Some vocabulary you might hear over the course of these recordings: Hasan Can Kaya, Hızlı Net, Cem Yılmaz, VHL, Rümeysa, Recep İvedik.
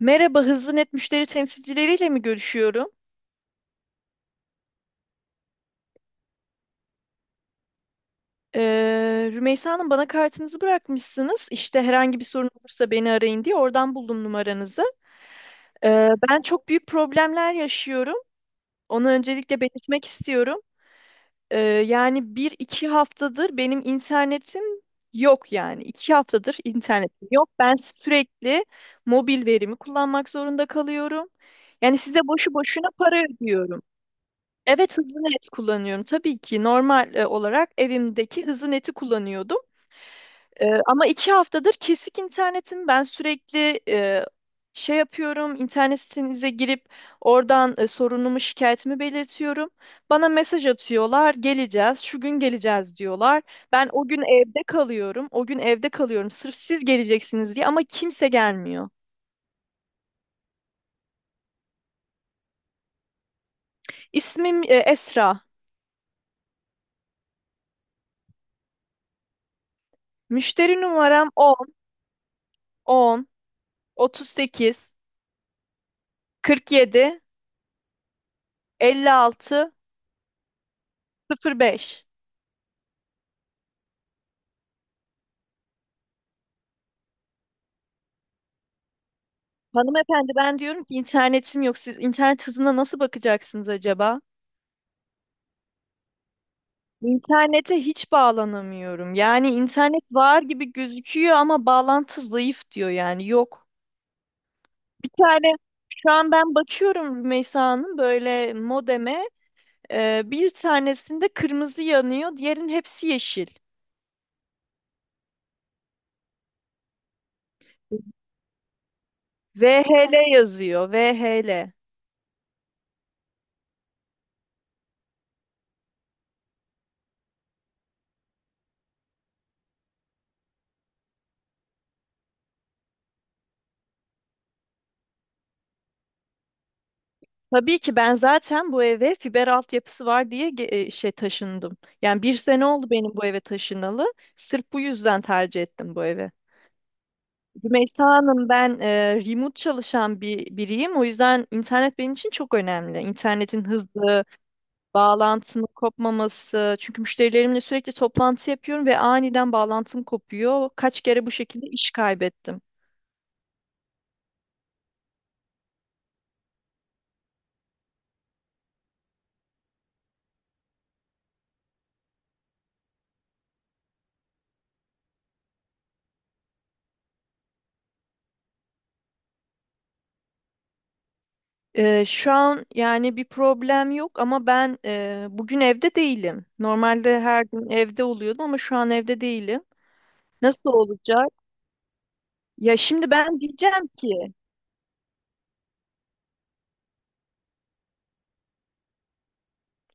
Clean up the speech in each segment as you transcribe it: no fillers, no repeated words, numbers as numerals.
Merhaba, Hızlı Net müşteri temsilcileriyle mi görüşüyorum? Rümeysa Hanım bana kartınızı bırakmışsınız. İşte herhangi bir sorun olursa beni arayın diye oradan buldum numaranızı. Ben çok büyük problemler yaşıyorum. Onu öncelikle belirtmek istiyorum. Yani bir iki haftadır benim internetim yok yani. İki haftadır internetim yok. Ben sürekli mobil verimi kullanmak zorunda kalıyorum. Yani size boşu boşuna para ödüyorum. Evet, hızlı net kullanıyorum. Tabii ki normal olarak evimdeki hızlı neti kullanıyordum. Ama iki haftadır kesik internetim. Ben sürekli şey yapıyorum. İnternet sitenize girip oradan sorunumu, şikayetimi belirtiyorum. Bana mesaj atıyorlar. Geleceğiz. Şu gün geleceğiz diyorlar. Ben o gün evde kalıyorum. O gün evde kalıyorum. Sırf siz geleceksiniz diye ama kimse gelmiyor. İsmim Esra. Müşteri numaram 10 10 38 47 56 05. Hanımefendi ben diyorum ki internetim yok. Siz internet hızına nasıl bakacaksınız acaba? İnternete hiç bağlanamıyorum. Yani internet var gibi gözüküyor ama bağlantı zayıf diyor yani yok. Bir tane şu an ben bakıyorum Rümeysa Hanım böyle modeme bir tanesinde kırmızı yanıyor diğerinin hepsi yeşil. VHL yazıyor VHL. Tabii ki ben zaten bu eve fiber altyapısı var diye şey taşındım. Yani bir sene oldu benim bu eve taşınalı. Sırf bu yüzden tercih ettim bu evi. Rümeysa Hanım ben remote çalışan bir biriyim. O yüzden internet benim için çok önemli. İnternetin hızlı, bağlantının kopmaması. Çünkü müşterilerimle sürekli toplantı yapıyorum ve aniden bağlantım kopuyor. Kaç kere bu şekilde iş kaybettim. Şu an yani bir problem yok ama ben bugün evde değilim. Normalde her gün evde oluyordum ama şu an evde değilim. Nasıl olacak? Ya şimdi ben diyeceğim ki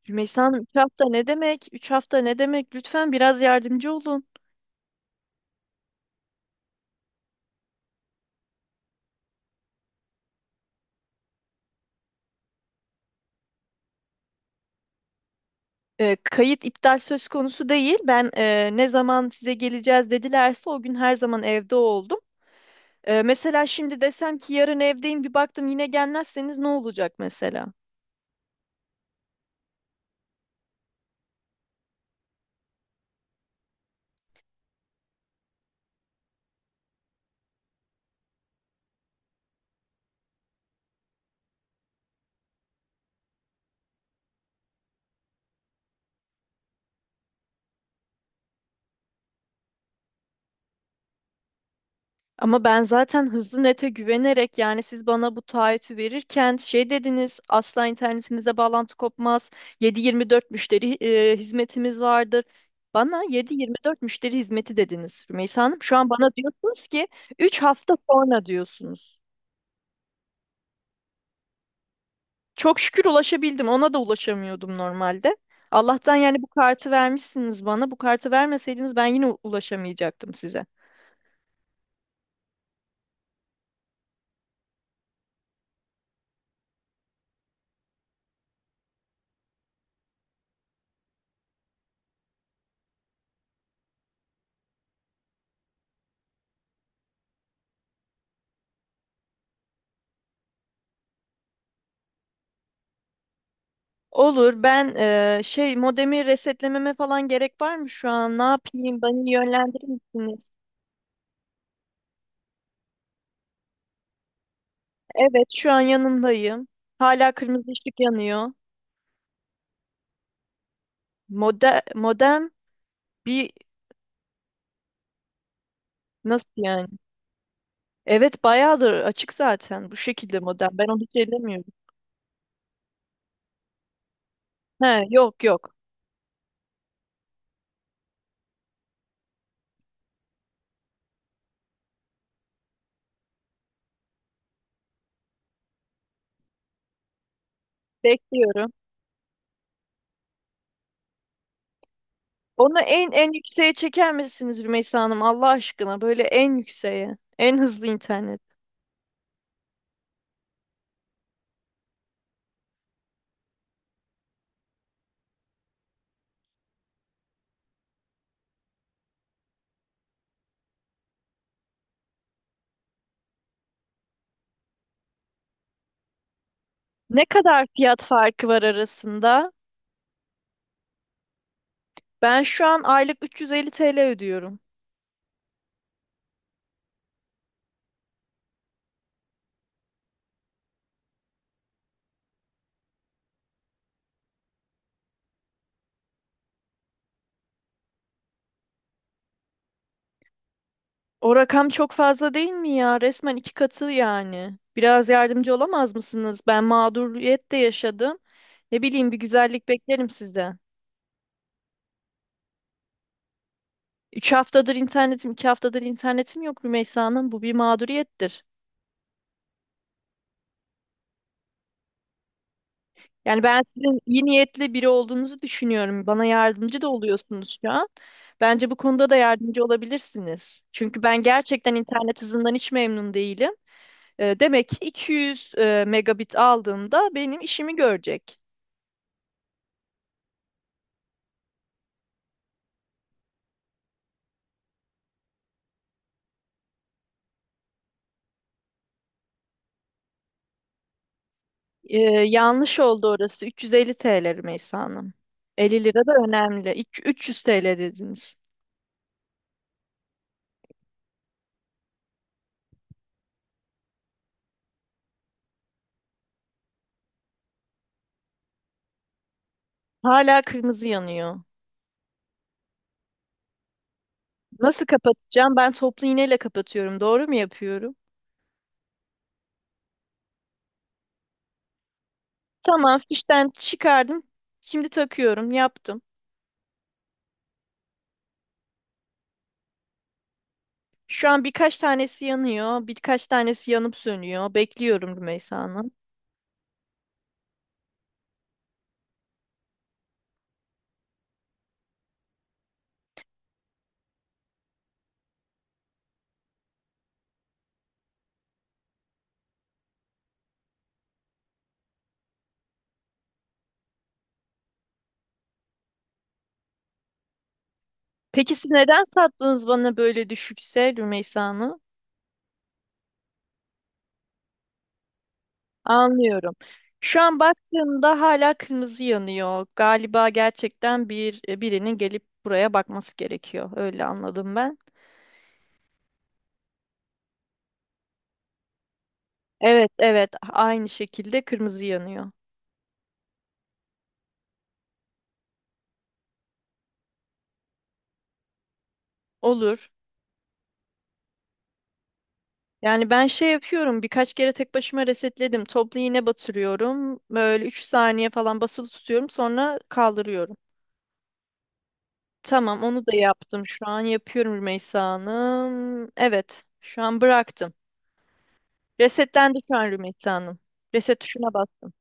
Rümeysa Hanım, üç hafta ne demek? 3 hafta ne demek? Lütfen biraz yardımcı olun. Kayıt iptal söz konusu değil. Ben ne zaman size geleceğiz dedilerse o gün her zaman evde oldum. Mesela şimdi desem ki yarın evdeyim bir baktım yine gelmezseniz ne olacak mesela? Ama ben zaten hızlı nete güvenerek yani siz bana bu taahhütü verirken şey dediniz asla internetinize bağlantı kopmaz. 7-24 müşteri hizmetimiz vardır. Bana 7-24 müşteri hizmeti dediniz Rümeysa Hanım. Şu an bana diyorsunuz ki 3 hafta sonra diyorsunuz. Çok şükür ulaşabildim. Ona da ulaşamıyordum normalde. Allah'tan yani bu kartı vermişsiniz bana. Bu kartı vermeseydiniz ben yine ulaşamayacaktım size. Olur. Ben şey modemi resetlememe falan gerek var mı şu an? Ne yapayım? Beni yönlendirir misiniz? Evet, şu an yanındayım. Hala kırmızı ışık yanıyor. Modem bir nasıl yani? Evet bayağıdır açık zaten bu şekilde modem. Ben onu hiç ellemiyorum. He yok. Bekliyorum. Onu en yükseğe çeker misiniz Rümeysa Hanım Allah aşkına? Böyle en yükseğe. En hızlı internet. Ne kadar fiyat farkı var arasında? Ben şu an aylık 350 TL ödüyorum. O rakam çok fazla değil mi ya? Resmen iki katı yani. Biraz yardımcı olamaz mısınız? Ben mağduriyet de yaşadım. Ne bileyim bir güzellik beklerim sizden. Üç haftadır internetim, iki haftadır internetim yok Rümeysa Hanım. Bu bir mağduriyettir. Yani ben sizin iyi niyetli biri olduğunuzu düşünüyorum. Bana yardımcı da oluyorsunuz şu an. Bence bu konuda da yardımcı olabilirsiniz. Çünkü ben gerçekten internet hızından hiç memnun değilim. Demek ki 200 megabit aldığımda benim işimi görecek. E, Yanlış oldu orası. 350 TL Rümeysa Hanım. 50 lira da önemli. İki- 300 TL dediniz. Hala kırmızı yanıyor. Nasıl kapatacağım? Ben toplu iğneyle kapatıyorum. Doğru mu yapıyorum? Tamam, fişten çıkardım. Şimdi takıyorum. Yaptım. Şu an birkaç tanesi yanıyor, birkaç tanesi yanıp sönüyor. Bekliyorum Rümeysa Hanım. Peki siz neden sattınız bana böyle düşükse Rümeysa Hanım? Anlıyorum. Şu an baktığımda hala kırmızı yanıyor. Galiba gerçekten bir birinin gelip buraya bakması gerekiyor. Öyle anladım ben. Evet, evet. Aynı şekilde kırmızı yanıyor. Olur. Yani ben şey yapıyorum birkaç kere tek başıma resetledim. Toplu iğne batırıyorum. Böyle 3 saniye falan basılı tutuyorum sonra kaldırıyorum. Tamam onu da yaptım. Şu an yapıyorum Rümeysa Hanım. Evet şu an bıraktım. Resetlendi şu an Rümeysa Hanım. Reset tuşuna bastım.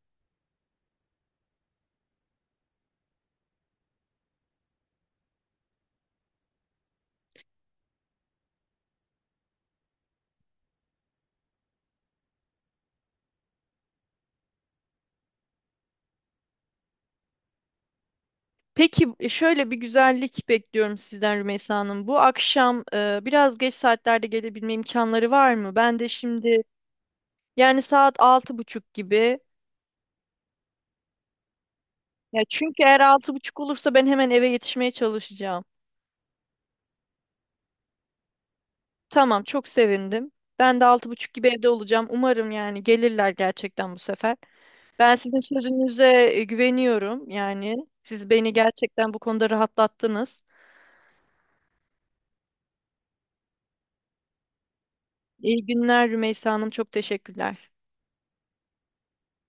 Peki şöyle bir güzellik bekliyorum sizden Rümeysa Hanım. Bu akşam biraz geç saatlerde gelebilme imkanları var mı? Ben de şimdi yani saat 6.30 gibi. Ya çünkü eğer 6.30 olursa ben hemen eve yetişmeye çalışacağım. Tamam, çok sevindim. Ben de 6.30 gibi evde olacağım. Umarım yani gelirler gerçekten bu sefer. Ben sizin sözünüze güveniyorum. Yani siz beni gerçekten bu konuda rahatlattınız. İyi günler Rümeysa Hanım. Çok teşekkürler.